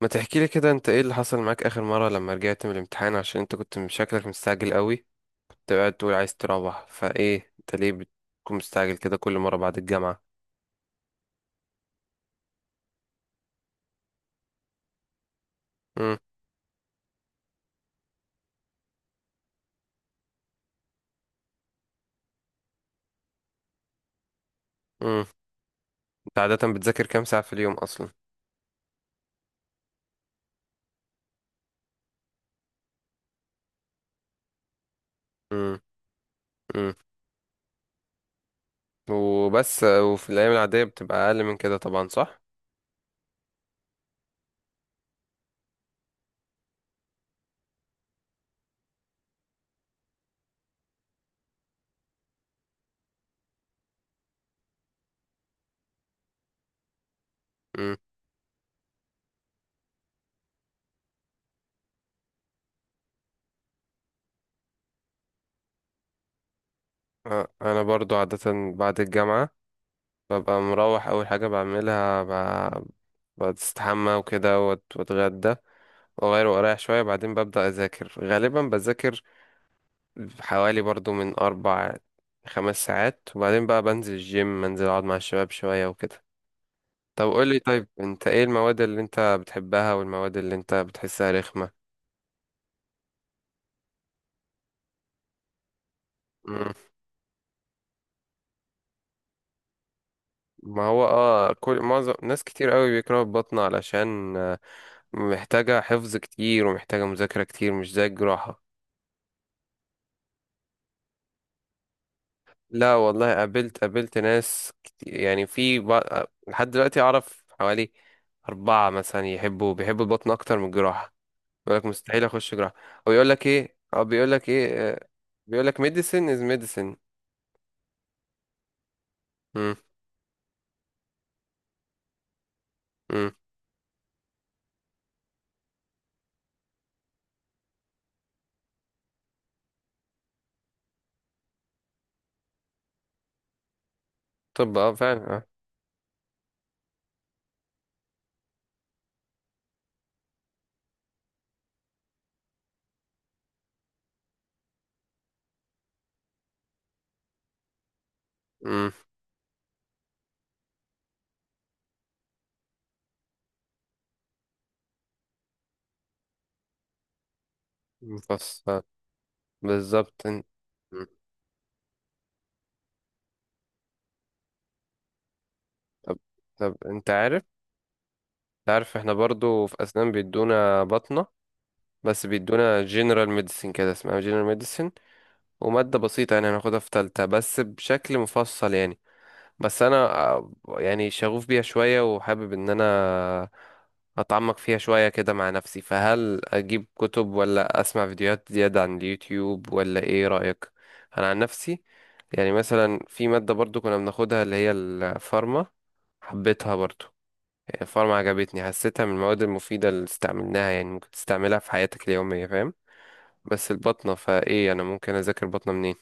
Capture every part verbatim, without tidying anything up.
ما تحكي لي كده انت ايه اللي حصل معاك اخر مرة لما رجعت من الامتحان عشان انت كنت من شكلك مستعجل قوي؟ كنت قاعد تقول عايز تروح، فايه انت ليه بتكون مستعجل كده كل مرة بعد الجامعة؟ امم، امم. انت عادة بتذاكر كام ساعة في اليوم اصلا؟ امم، امم. وبس وفي الايام العادية بتبقى اقل من كده طبعا، صح؟ امم. اه، انا برضو عادة بعد الجامعة ببقى مروح، اول حاجة بعملها ب- بستحمى وكده، وات- واتغدى واغير واريح شوية، بعدين ببدأ اذاكر، غالبا بذاكر حوالي برضو من أربع خمس ساعات، وبعدين بقى بنزل الجيم منزل، أقعد مع الشباب شوية وكده. طب قولي، طيب أنت إيه المواد اللي أنت بتحبها والمواد اللي أنت بتحسها رخمة؟ مم. ما هو اه كل معظم ناس كتير قوي بيكرهوا البطنة علشان آه، محتاجة حفظ كتير ومحتاجة مذاكرة كتير، مش زي الجراحة. لا والله، قابلت قابلت ناس كتير يعني، في بق- لحد دلوقتي أعرف حوالي أربعة مثلا يحبوا بيحبوا البطن أكتر من الجراحة. بيقول لك مستحيل اخش جراحة، او بيقول لك ايه او بيقول لك ايه، بيقول لك ميديسن از ميديسن. امم، امم. طب، اه فعلا، اه. امم. مفصل، بالظبط ان- مم. طب، طب انت عارف انت عارف احنا برضو في اسنان بيدونا بطنة، بس بيدونا جنرال ميديسن، كده اسمها جنرال ميديسن، ومادة بسيطة يعني، هناخدها في تالتة بس بشكل مفصل يعني. بس انا، آه، يعني شغوف بيها شوية، وحابب ان انا أتعمق فيها شوية كده مع نفسي، فهل أجيب كتب ولا أسمع فيديوهات زيادة عن اليوتيوب ولا إيه رأيك؟ أنا عن نفسي يعني مثلا، في مادة برضو كنا بناخدها اللي هي الفارما، حبيتها برضو، يعني الفارما عجبتني، حسيتها من المواد المفيدة اللي استعملناها يعني، ممكن تستعملها في حياتك اليومية، فاهم؟ بس البطنة، فإيه أنا ممكن أذاكر بطنة منين؟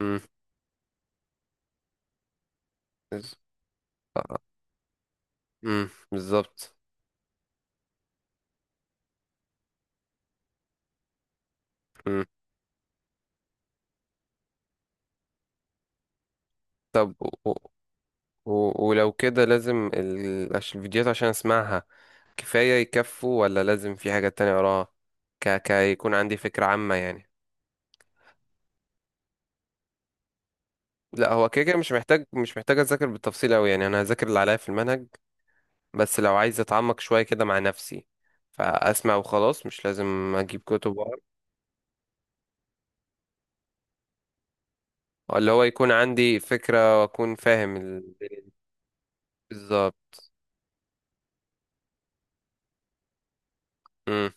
مم. بز- مم. بالظبط. مم. طب، و... و... و- ولو كده، لازم ال... عش- الفيديوهات عشان أسمعها كفاية، يكفوا ولا لازم في حاجة تانية وراها؟ ك... ك يكون عندي فكرة عامة يعني. لا، هو كده كده مش محتاج مش محتاج أذاكر بالتفصيل أوي يعني، أنا هذاكر اللي عليا في المنهج، بس لو عايز أتعمق شوية كده مع نفسي، فأسمع وخلاص، مش لازم أجيب كتب وأقرا، اللي هو يكون عندي فكرة، وأكون فاهم الدنيا دي. بالظبط. مم.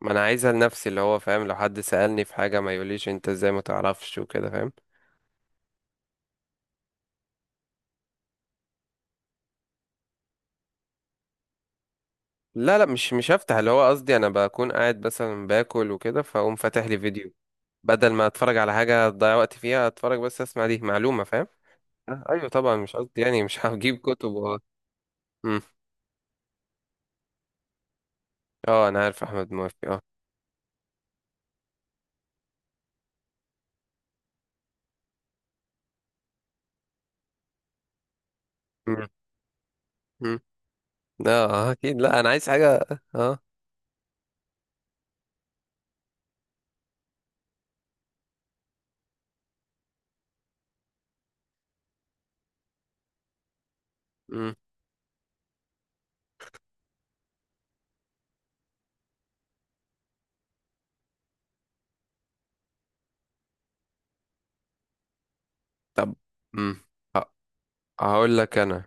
ما أنا عايزها لنفسي، اللي هو فاهم، لو حد سألني في حاجة ما يقوليش أنت إزاي ما تعرفش وكده، فاهم. لا لا، مش مش هفتح، اللي هو قصدي أنا بكون قاعد مثلا باكل وكده، فأقوم فاتح لي فيديو، بدل ما اتفرج على حاجة اضيع وقت فيها، اتفرج بس اسمع، دي معلومة، فاهم. آه، ايوه طبعا، مش قصدي يعني مش هجيب كتب و... مم. اه انا عارف احمد موفي، اه. مم. مم. اه، آه، اكيد، لا انا عايز حاجة. اه. مم. طب. مم. هقول لك انا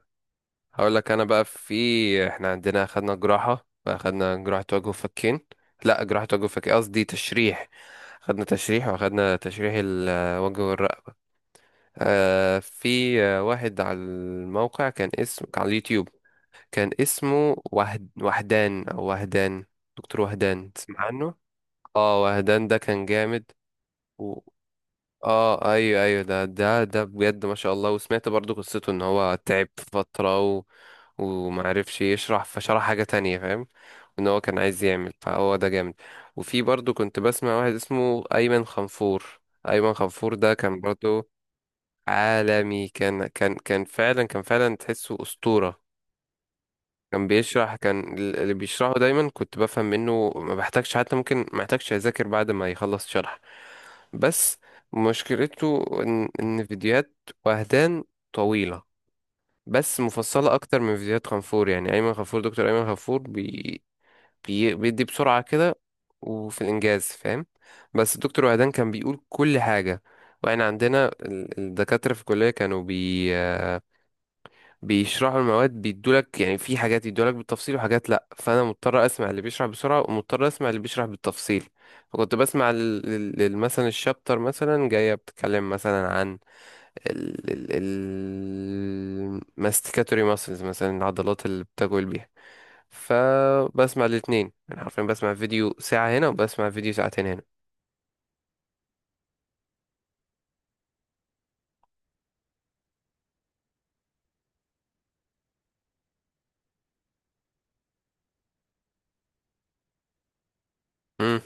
هقول لك انا بقى، في احنا عندنا، خدنا جراحة اخدنا جراحة وجه وفكين، لا جراحة وجه وفكين قصدي تشريح، خدنا تشريح واخدنا تشريح الوجه والرقبة. آه في آه، واحد على الموقع كان اسمه، كان على اليوتيوب، كان اسمه وهد... وهدان او وهدان، دكتور وهدان تسمع عنه؟ اه، وهدان ده كان جامد و... اه، ايوه، ايوه، ده ده ده بجد ما شاء الله، وسمعت برضو قصته ان هو تعب في فترة و... ومعرفش يشرح، فشرح حاجة تانية، فاهم، ان هو كان عايز يعمل، فهو ده جامد. وفي برضو كنت بسمع واحد اسمه ايمن خنفور، ايمن خنفور ده كان برضو عالمي، كان كان كان فعلا كان فعلا تحسه أسطورة، كان بيشرح كان ال- اللي بيشرحه دايما كنت بفهم منه، ما بحتاجش، حتى ممكن ما احتاجش اذاكر بعد ما يخلص شرح. بس مشكلته ان ان فيديوهات وهدان طويلة، بس مفصلة اكتر من فيديوهات غفور، يعني ايمن غفور دكتور ايمن غفور بي بي بيدي بسرعة كده، وفي الانجاز، فاهم. بس الدكتور وهدان كان بيقول كل حاجة. واحنا عندنا ال- الدكاترة في الكلية، كانوا بي بيشرحوا المواد، بيدولك يعني، في حاجات يدولك بالتفصيل وحاجات لا، فانا مضطر اسمع اللي بيشرح بسرعه، ومضطر اسمع اللي بيشرح بالتفصيل. فكنت بسمع ال- ال- ال- مثلا الشابتر مثلا جايه بتتكلم مثلا عن الماستيكاتوري ماسلز مثلا، العضلات اللي بتجول بيها، فبسمع الاثنين، انا حرفيا بسمع فيديو ساعه هنا وبسمع فيديو ساعتين هنا. امم.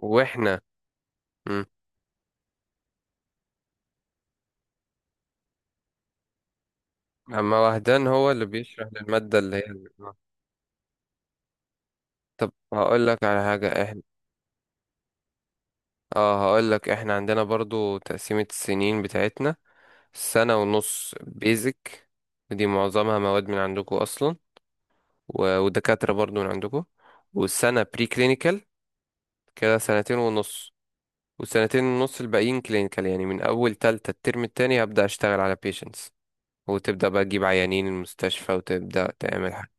واحنا. امم. اما وهدان هو اللي بيشرح للماده اللي هي. طب هقول لك على حاجة، اه، هقول لك احنا عندنا برضو تقسيمة السنين بتاعتنا، سنة ونص بيزك، ودي معظمها مواد من عندكم اصلا، و- ودكاترة برضو من عندكم، والسنة بري كلينيكال كده، سنتين ونص، والسنتين ونص الباقيين كلينيكال، يعني من اول تالتة الترم التاني هبدأ اشتغل على بيشنتس، وتبدأ بقى تجيب عيانين المستشفى وتبدأ تعمل حاجة،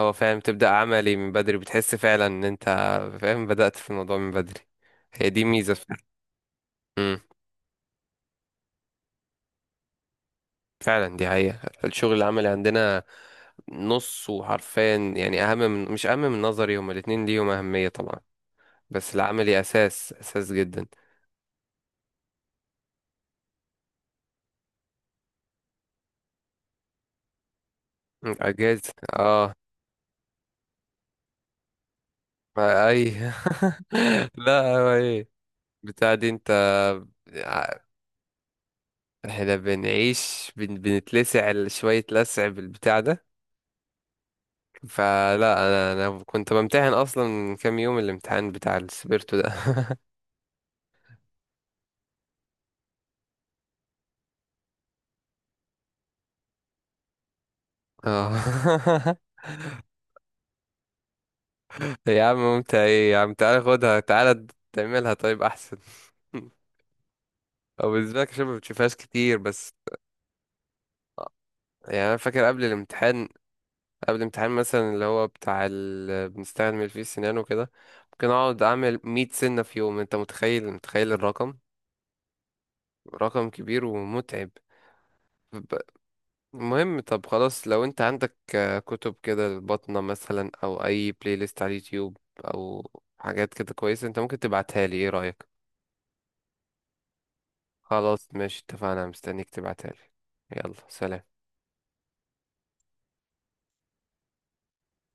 هو فاهم، تبدأ عملي من بدري، بتحس فعلا ان انت فاهم بدأت في الموضوع من بدري، هي دي ميزة. فعلا دي حقيقة، الشغل العملي عندنا نص، وحرفيا يعني، أهم من مش أهم من نظري، هما الاتنين ليهم أهمية طبعا، بس العملي أساس، أساس جدا. أجازة. اه. ما أي. لا، هو إيه بتاع دي أنت؟ ع- احنا بنعيش، بن... بنتلسع شوية لسع بالبتاع ده، فلا. أنا أنا كنت بمتحن أصلا من كام يوم الامتحان بتاع السبيرتو ده. اه. يا عم ممتع ايه، يا عم تعالى خدها، تعالى تعملها طيب احسن. او بالنسبه لك عشان ما بتشوفهاش كتير، بس يعني انا فاكر قبل الامتحان، قبل الامتحان مثلا اللي هو بتاع ال... بنستعمل فيه السنان وكده، ممكن اقعد اعمل مئة سنه في يوم، انت متخيل، متخيل الرقم، رقم كبير ومتعب. ب- المهم. طب خلاص، لو انت عندك، آه، كتب كده البطنة مثلا، او اي بلاي ليست على اليوتيوب، او حاجات كده كويسه، انت ممكن تبعتها لي، ايه رايك؟ خلاص ماشي، اتفقنا، مستنيك تبعتها لي. يلا سلام.